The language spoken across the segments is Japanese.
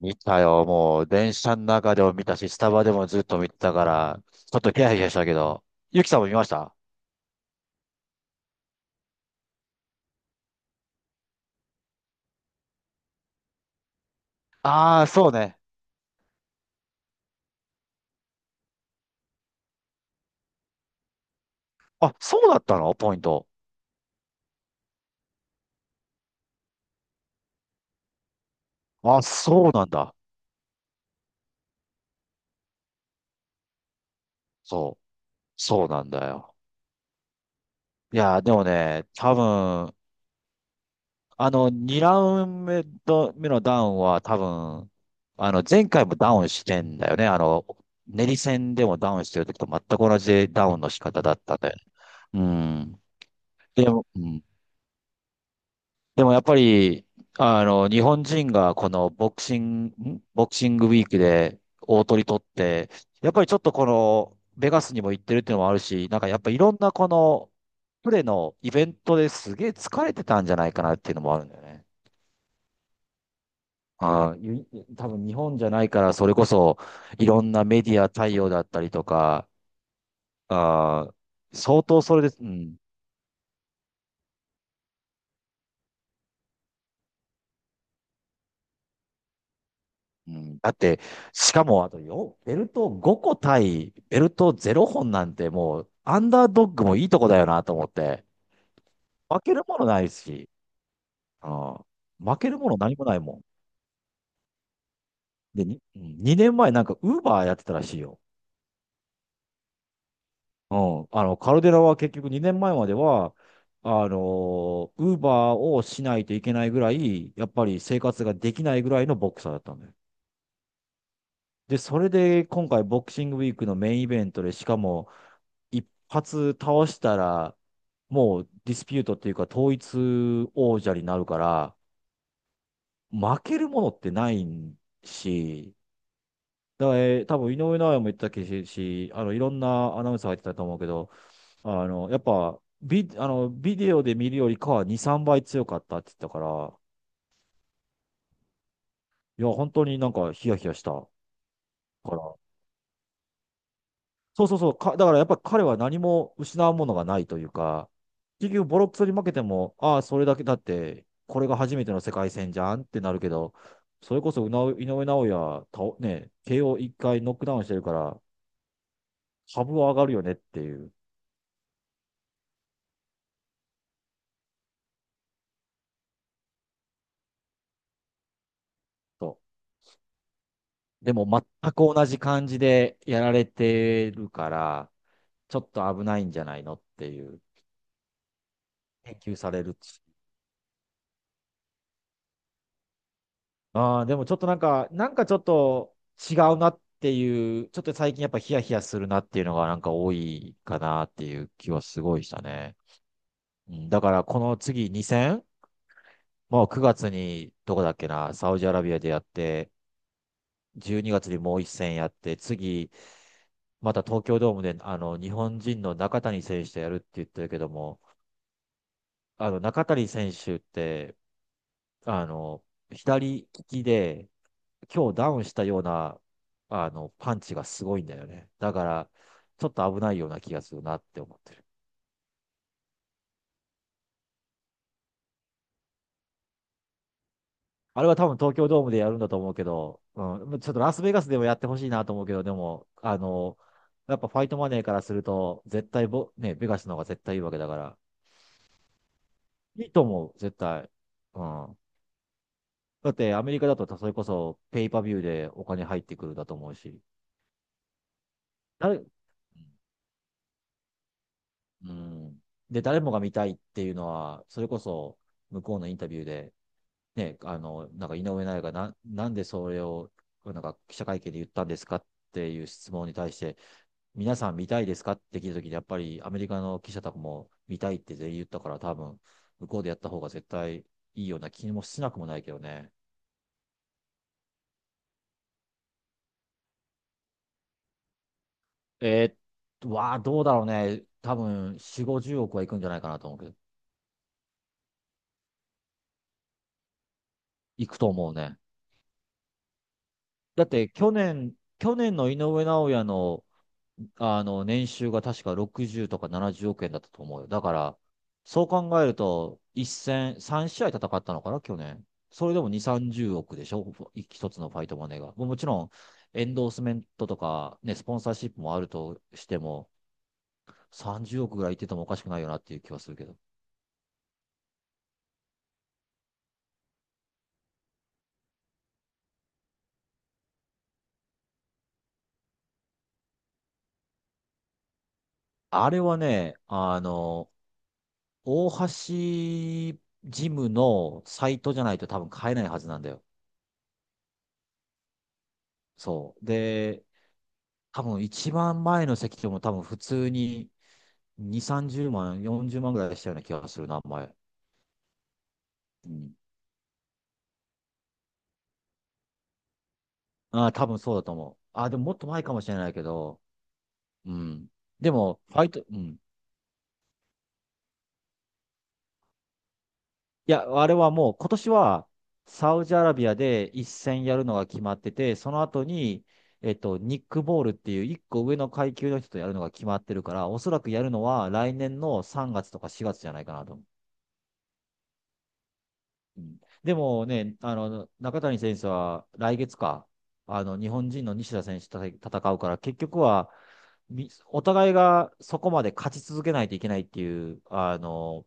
見たよ。もう、電車の中でも見たし、スタバでもずっと見てたから、ちょっとヒヤヒヤしたけど。ゆきさんも見ました？ああー、そうね。あ、そうだったのポイント。あ、そうなんだ。そう。そうなんだよ。いや、でもね、多分、2ラウンド目のダウンは多分、前回もダウンしてんだよね。あの、練り戦でもダウンしてる時と全く同じダウンの仕方だったんだよね。うん。でも、うんでもやっぱり、日本人がこのボクシング、ボクシングウィークで大取り取って、やっぱりちょっとこの、ベガスにも行ってるっていうのもあるし、なんかやっぱいろんなこの、プレのイベントですげえ疲れてたんじゃないかなっていうのもあるんだよね。ああ、ゆ多分日本じゃないから、それこそいろんなメディア対応だったりとか、ああ、相当それで、うん。うん、だって、しかもあとよ、ベルト5個対ベルト0本なんてもう、アンダードッグもいいとこだよなと思って、負けるものないし、うん、負けるもの何もないもん。2年前なんかウーバーやってたらしいよ。うん、あの、カルデラは結局2年前までは、あのウーバーをしないといけないぐらい、やっぱり生活ができないぐらいのボクサーだったんだよ。で、それで今回ボクシングウィークのメインイベントで、しかも一発倒したら、もうディスピュートっていうか統一王者になるから、負けるものってないし、だから、多分井上尚弥も言ってたけし、あの、いろんなアナウンサーが言ってたと思うけど、あの、やっぱ、ビ、あの、ビデオで見るよりかは2、3倍強かったって言ったから、いや、本当になんかヒヤヒヤしたから、そうそうそう。だからやっぱり彼は何も失うものがないというか、結局ボロクソに負けても、ああ、それだけだって、これが初めての世界戦じゃんってなるけど、それこそ井上尚弥、たね、KO1 回ノックダウンしてるから、株は上がるよねっていう。そでも全く同じ感じでやられてるから、ちょっと危ないんじゃないのっていう、研究される。ああ、でもちょっとなんか、なんかちょっと違うなっていう、ちょっと最近やっぱヒヤヒヤするなっていうのがなんか多いかなっていう気はすごいしたね。うん、だからこの次2戦、もう9月にどこだっけな、サウジアラビアでやって、12月にがつにもう1戦やって、次、また東京ドームであの日本人の中谷選手とやるって言ってるけども、あの中谷選手って、あの、左利きで、今日ダウンしたような、パンチがすごいんだよね。だから、ちょっと危ないような気がするなって思ってる。あれは多分東京ドームでやるんだと思うけど、うん、ちょっとラスベガスでもやってほしいなと思うけど、でも、あの、やっぱファイトマネーからすると、絶対ボ、ね、ベガスの方が絶対いいわけだから、いいと思う、絶対。うん。だってアメリカだとそれこそペイパビューでお金入ってくるだと思うし、誰、うん。で、誰もが見たいっていうのは、それこそ向こうのインタビューで、なんか井上尚弥がなんでそれを、なんか記者会見で言ったんですかっていう質問に対して、皆さん見たいですかって聞いたときに、やっぱりアメリカの記者たちも見たいって全員言ったから、多分、向こうでやった方が絶対いいような気もしなくもないけどね。えどうだろうね。多分、4、50億はいくんじゃないかなと思うけど、いくと思うね。だって、去年の井上尚弥のあの、年収が確か60とか70億円だったと思うよ。だから、そう考えると、一戦、3試合戦ったのかな、去年。それでも2、30億でしょ、一つのファイトマネーが。もうもちろん、エンドースメントとか、ね、スポンサーシップもあるとしても、30億ぐらいいっててもおかしくないよなっていう気はするけど。あれはね、あの、大橋ジムのサイトじゃないと多分買えないはずなんだよ。そう。で、多分一番前の席でも多分普通に2、30万、40万ぐらいしたような気がするな、前。うん。ああ、多分そうだと思う。ああ、でももっと前かもしれないけど、うん。でも、ファイト、うん。いや、あれはもう今年はサウジアラビアで一戦やるのが決まってて、その後に、えっと、ニックボールっていう一個上の階級の人とやるのが決まってるから、おそらくやるのは来年の3月とか4月じゃないかなと。うんでもね、あの、中谷選手は来月か、あの、日本人の西田選手と戦うから、結局は、お互いがそこまで勝ち続けないといけないっていう、あの、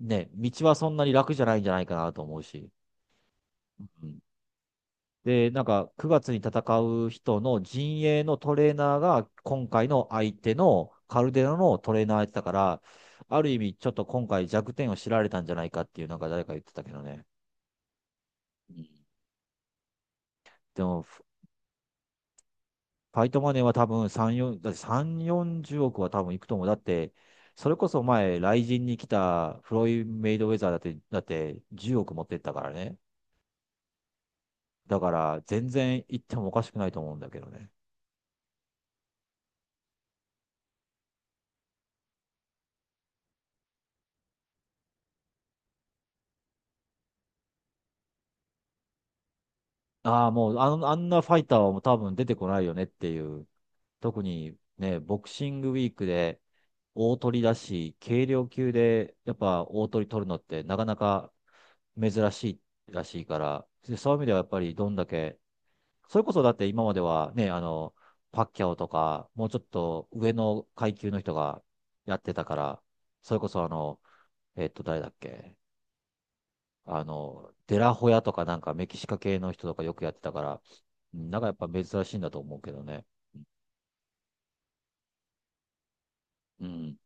ね、道はそんなに楽じゃないんじゃないかなと思うし。うん。で、なんか、9月に戦う人の陣営のトレーナーが、今回の相手のカルデラのトレーナーやってたから、ある意味、ちょっと今回弱点を知られたんじゃないかっていう、なんか誰か言ってたけどね。うん。でも、ファイトマネーは多分3、4、だって3、40億は多分いくと思う。だって、それこそ前、雷神に来たフロイド・メイドウェザーだって、だって10億持ってったからね。だから、全然行ってもおかしくないと思うんだけどね。ああ、もうあの、あんなファイターはもう多分出てこないよねっていう。特にね、ボクシングウィークで大取りだし、軽量級でやっぱ大取り取るのってなかなか珍しいらしいから、でそういう意味ではやっぱりどんだけ、それこそだって今まではね、あの、パッキャオとか、もうちょっと上の階級の人がやってたから、それこそあの、えっと、誰だっけあの、デラホヤとかなんかメキシカ系の人とかよくやってたから、うん、なんかやっぱ珍しいんだと思うけどね。うん。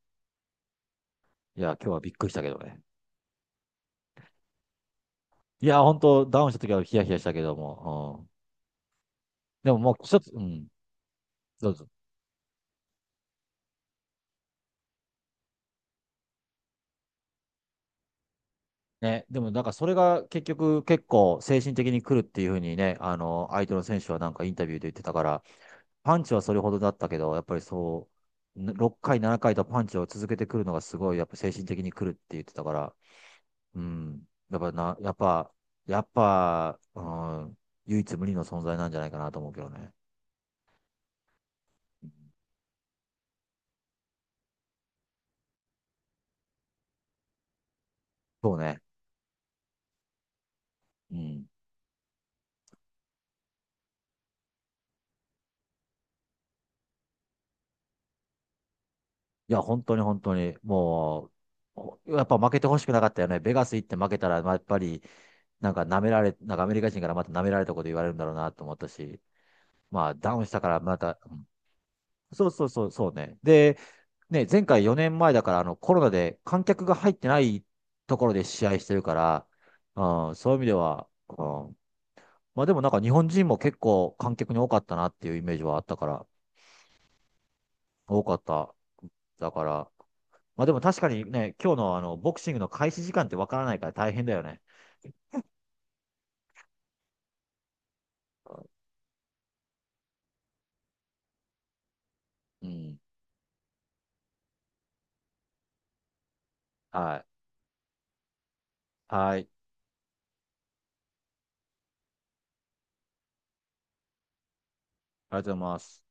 いや、今日はびっくりしたけどね。いや、本当ダウンした時はヒヤヒヤしたけども、うん。でももう一つ、うん、どうぞ。ね、でもなんかそれが結局結構精神的に来るっていうふうにね、あの、相手の選手はなんかインタビューで言ってたから、パンチはそれほどだったけど、やっぱり6回、7回とパンチを続けてくるのがすごい、やっぱ精神的に来るって言ってたから、うん、やっぱな、やっぱ、やっぱ、うん、唯一無二の存在なんじゃないかなと思うけどね。そうね。うん。いや、本当に本当に、もう、やっぱ負けてほしくなかったよね。ベガス行って負けたら、まあやっぱり、なんか舐められ、なんかアメリカ人からまた舐められたこと言われるんだろうなと思ったし、まあダウンしたからまた、うん。そうそうそう、そうね。で、ね、前回4年前だから、あの、コロナで観客が入ってないところで試合してるから、うん、そういう意味では、うん、まあでもなんか日本人も結構観客に多かったなっていうイメージはあったから、多かった。だから、まあでも確かにね、今日のあの、ボクシングの開始時間ってわからないから大変だよね。うん。はい。はい。ありがとうございます。